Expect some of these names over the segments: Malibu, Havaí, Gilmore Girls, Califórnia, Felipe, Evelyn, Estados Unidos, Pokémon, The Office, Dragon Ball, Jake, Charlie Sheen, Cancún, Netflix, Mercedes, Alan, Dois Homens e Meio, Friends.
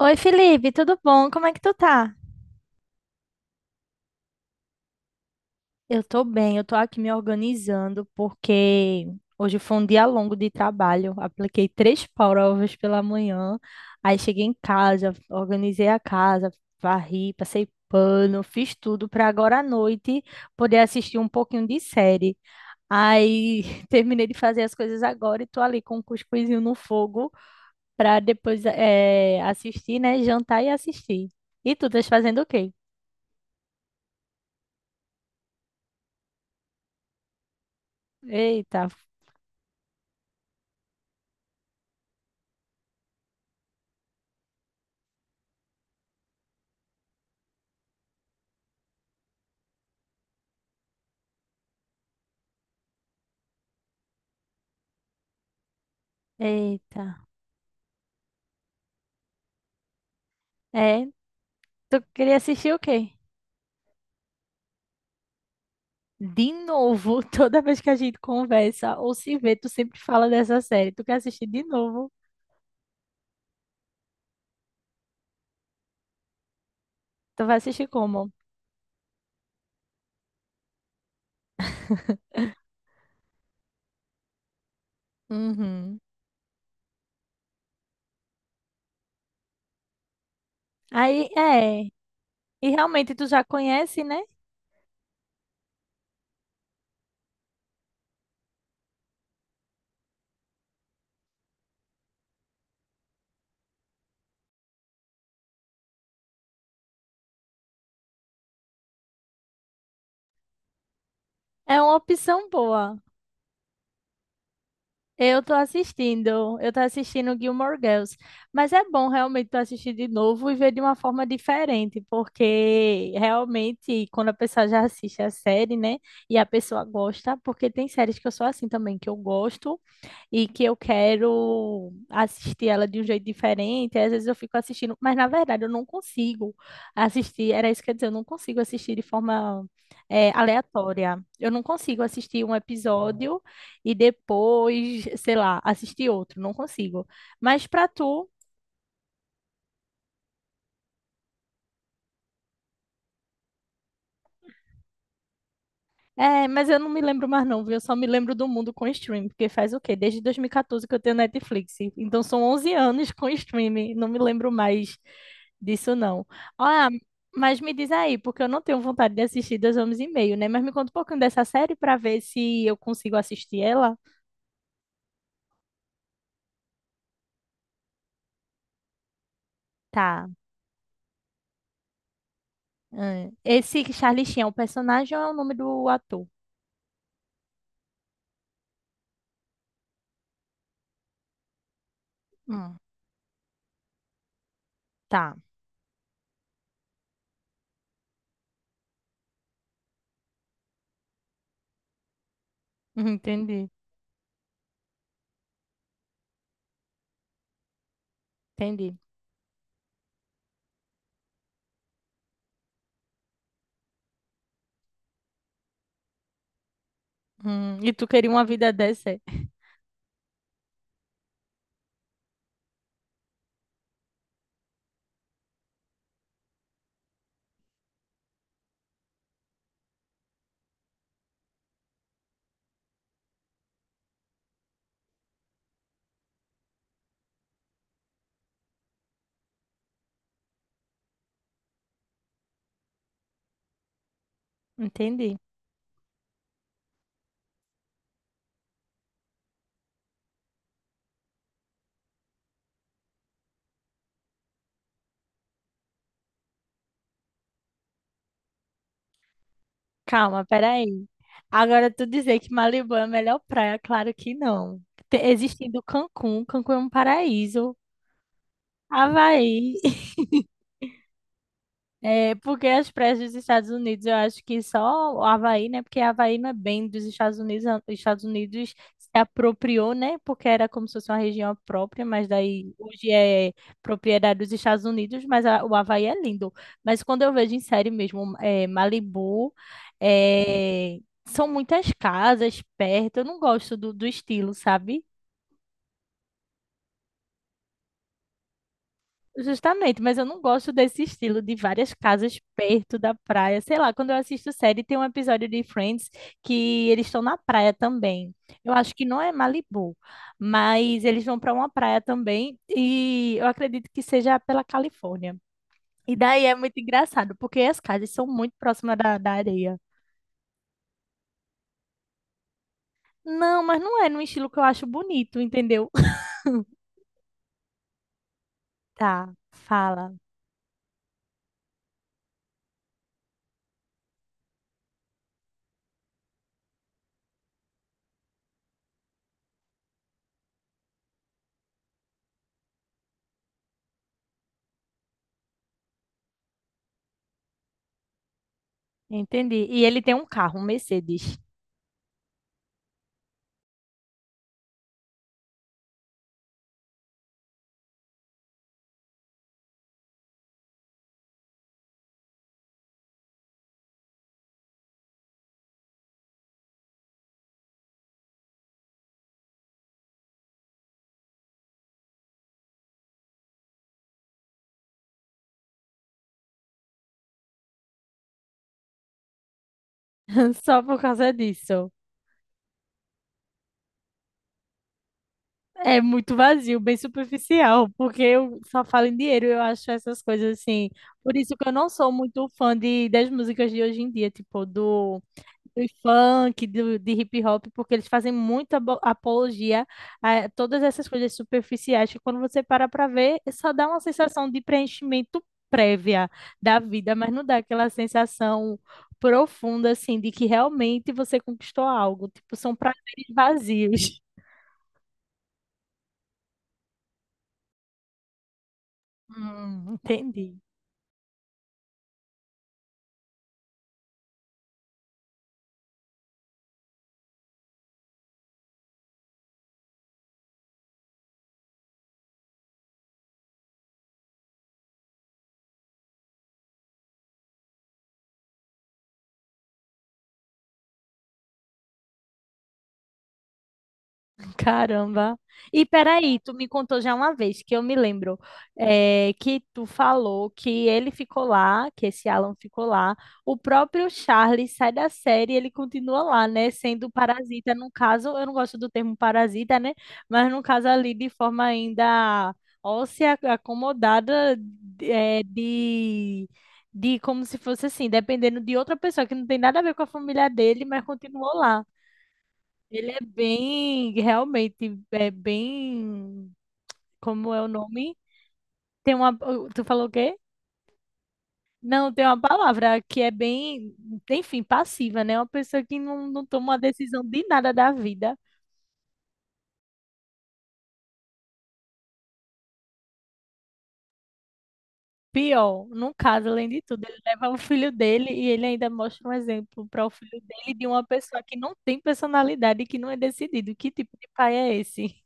Oi, Felipe, tudo bom? Como é que tu tá? Eu tô bem, eu tô aqui me organizando porque hoje foi um dia longo de trabalho. Apliquei três provas pela manhã, aí cheguei em casa, organizei a casa, varri, passei pano, fiz tudo para agora à noite poder assistir um pouquinho de série. Aí terminei de fazer as coisas agora e tô ali com um cuscuzinho no fogo para depois assistir, né? Jantar e assistir. E tu, estás fazendo o quê? Eita, eita. É, tu queria assistir o quê? De novo, toda vez que a gente conversa ou se vê, tu sempre fala dessa série. Tu quer assistir de novo? Tu vai assistir como? Uhum. Aí, é. E realmente tu já conhece, né? É uma opção boa. Eu tô assistindo Gilmore Girls, mas é bom realmente tu assistir de novo e ver de uma forma diferente, porque realmente quando a pessoa já assiste a série, né, e a pessoa gosta, porque tem séries que eu sou assim também, que eu gosto, e que eu quero assistir ela de um jeito diferente. Aí às vezes eu fico assistindo, mas na verdade eu não consigo assistir. Era isso que eu ia dizer, eu não consigo assistir de forma aleatória. Eu não consigo assistir um episódio e depois, sei lá, assistir outro. Não consigo. Mas para tu é, mas eu não me lembro mais não, viu? Eu só me lembro do mundo com Stream porque faz o quê? Desde 2014 que eu tenho Netflix. Então são 11 anos com streaming, não me lembro mais disso não. Ah, mas me diz aí, porque eu não tenho vontade de assistir Dois Homens e Meio, né? Mas me conta um pouquinho dessa série pra ver se eu consigo assistir ela. Tá. Hum. Esse Charlie Sheen é o personagem ou é o nome do ator? Hum, tá. Entendi, entendi. E tu queria uma vida dessa? Entendi. Calma, peraí. Agora tu dizer que Malibu é a melhor praia, claro que não. Existindo Cancún, Cancún é um paraíso. Havaí, é, porque as praias dos Estados Unidos, eu acho que só o Havaí, né? Porque Havaí não é bem dos Estados Unidos, os Estados Unidos se apropriou, né? Porque era como se fosse uma região própria, mas daí hoje é propriedade dos Estados Unidos, mas o Havaí é lindo. Mas quando eu vejo em série mesmo, é, Malibu, é, são muitas casas perto, eu não gosto do estilo, sabe? Justamente, mas eu não gosto desse estilo de várias casas perto da praia. Sei lá, quando eu assisto série, tem um episódio de Friends que eles estão na praia também. Eu acho que não é Malibu, mas eles vão para uma praia também e eu acredito que seja pela Califórnia. E daí é muito engraçado, porque as casas são muito próximas da areia. Não, mas não é num estilo que eu acho bonito, entendeu? Tá, fala. Entendi. E ele tem um carro, um Mercedes, só por causa disso. É muito vazio, bem superficial, porque eu só falo em dinheiro, eu acho essas coisas assim. Por isso que eu não sou muito fã das músicas de hoje em dia, tipo do funk, de hip hop, porque eles fazem muita apologia a todas essas coisas superficiais que quando você para pra ver, só dá uma sensação de preenchimento prévia da vida, mas não dá aquela sensação profunda, assim, de que realmente você conquistou algo. Tipo, são prazeres vazios. Entendi. Caramba. E peraí, tu me contou já uma vez que eu me lembro que tu falou que ele ficou lá, que esse Alan ficou lá. O próprio Charlie sai da série, e ele continua lá, né? Sendo parasita, no caso, eu não gosto do termo parasita, né? Mas no caso ali de forma ainda óssea, acomodada eh, de, de como se fosse assim, dependendo de outra pessoa que não tem nada a ver com a família dele, mas continuou lá. Ele é bem, realmente, é bem, como é o nome? Tem uma, tu falou o quê? Não, tem uma palavra que é bem, enfim, passiva, né? Uma pessoa que não toma uma decisão de nada da vida. Pior, no caso, além de tudo, ele leva o filho dele e ele ainda mostra um exemplo para o filho dele de uma pessoa que não tem personalidade e que não é decidido. Que tipo de pai é esse?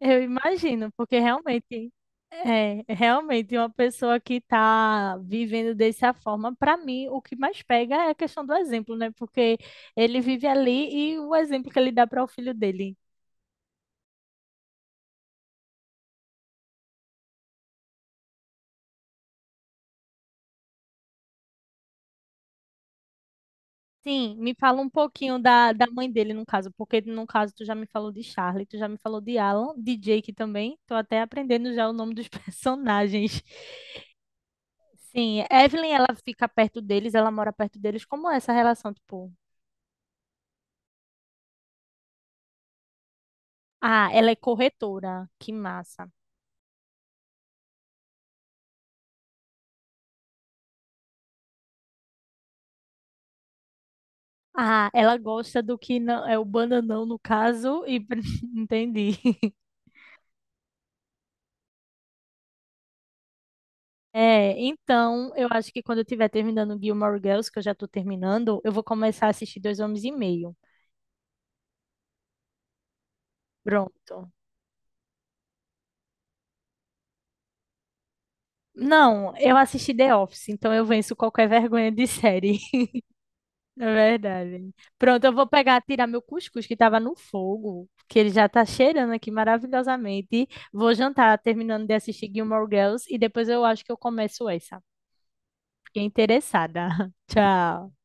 Eu imagino, porque realmente é realmente uma pessoa que está vivendo dessa forma, para mim, o que mais pega é a questão do exemplo, né? Porque ele vive ali e o exemplo que ele dá para o filho dele. Sim, me fala um pouquinho da mãe dele, no caso, porque no caso tu já me falou de Charlie, tu já me falou de Alan, de Jake também, tô até aprendendo já o nome dos personagens. Sim, Evelyn, ela fica perto deles, ela mora perto deles. Como é essa relação, tipo? Ah, ela é corretora. Que massa. Ah, ela gosta do que não é o bananão no caso e entendi. É, então, eu acho que quando eu estiver terminando Gilmore Girls, que eu já estou terminando, eu vou começar a assistir Dois Homens e Meio. Pronto. Não, eu assisti The Office, então eu venço qualquer vergonha de série. É verdade. Pronto, eu vou pegar, tirar meu cuscuz que estava no fogo, que ele já tá cheirando aqui maravilhosamente. Vou jantar, terminando de assistir Gilmore Girls, e depois eu acho que eu começo essa. Fiquei interessada. Tchau.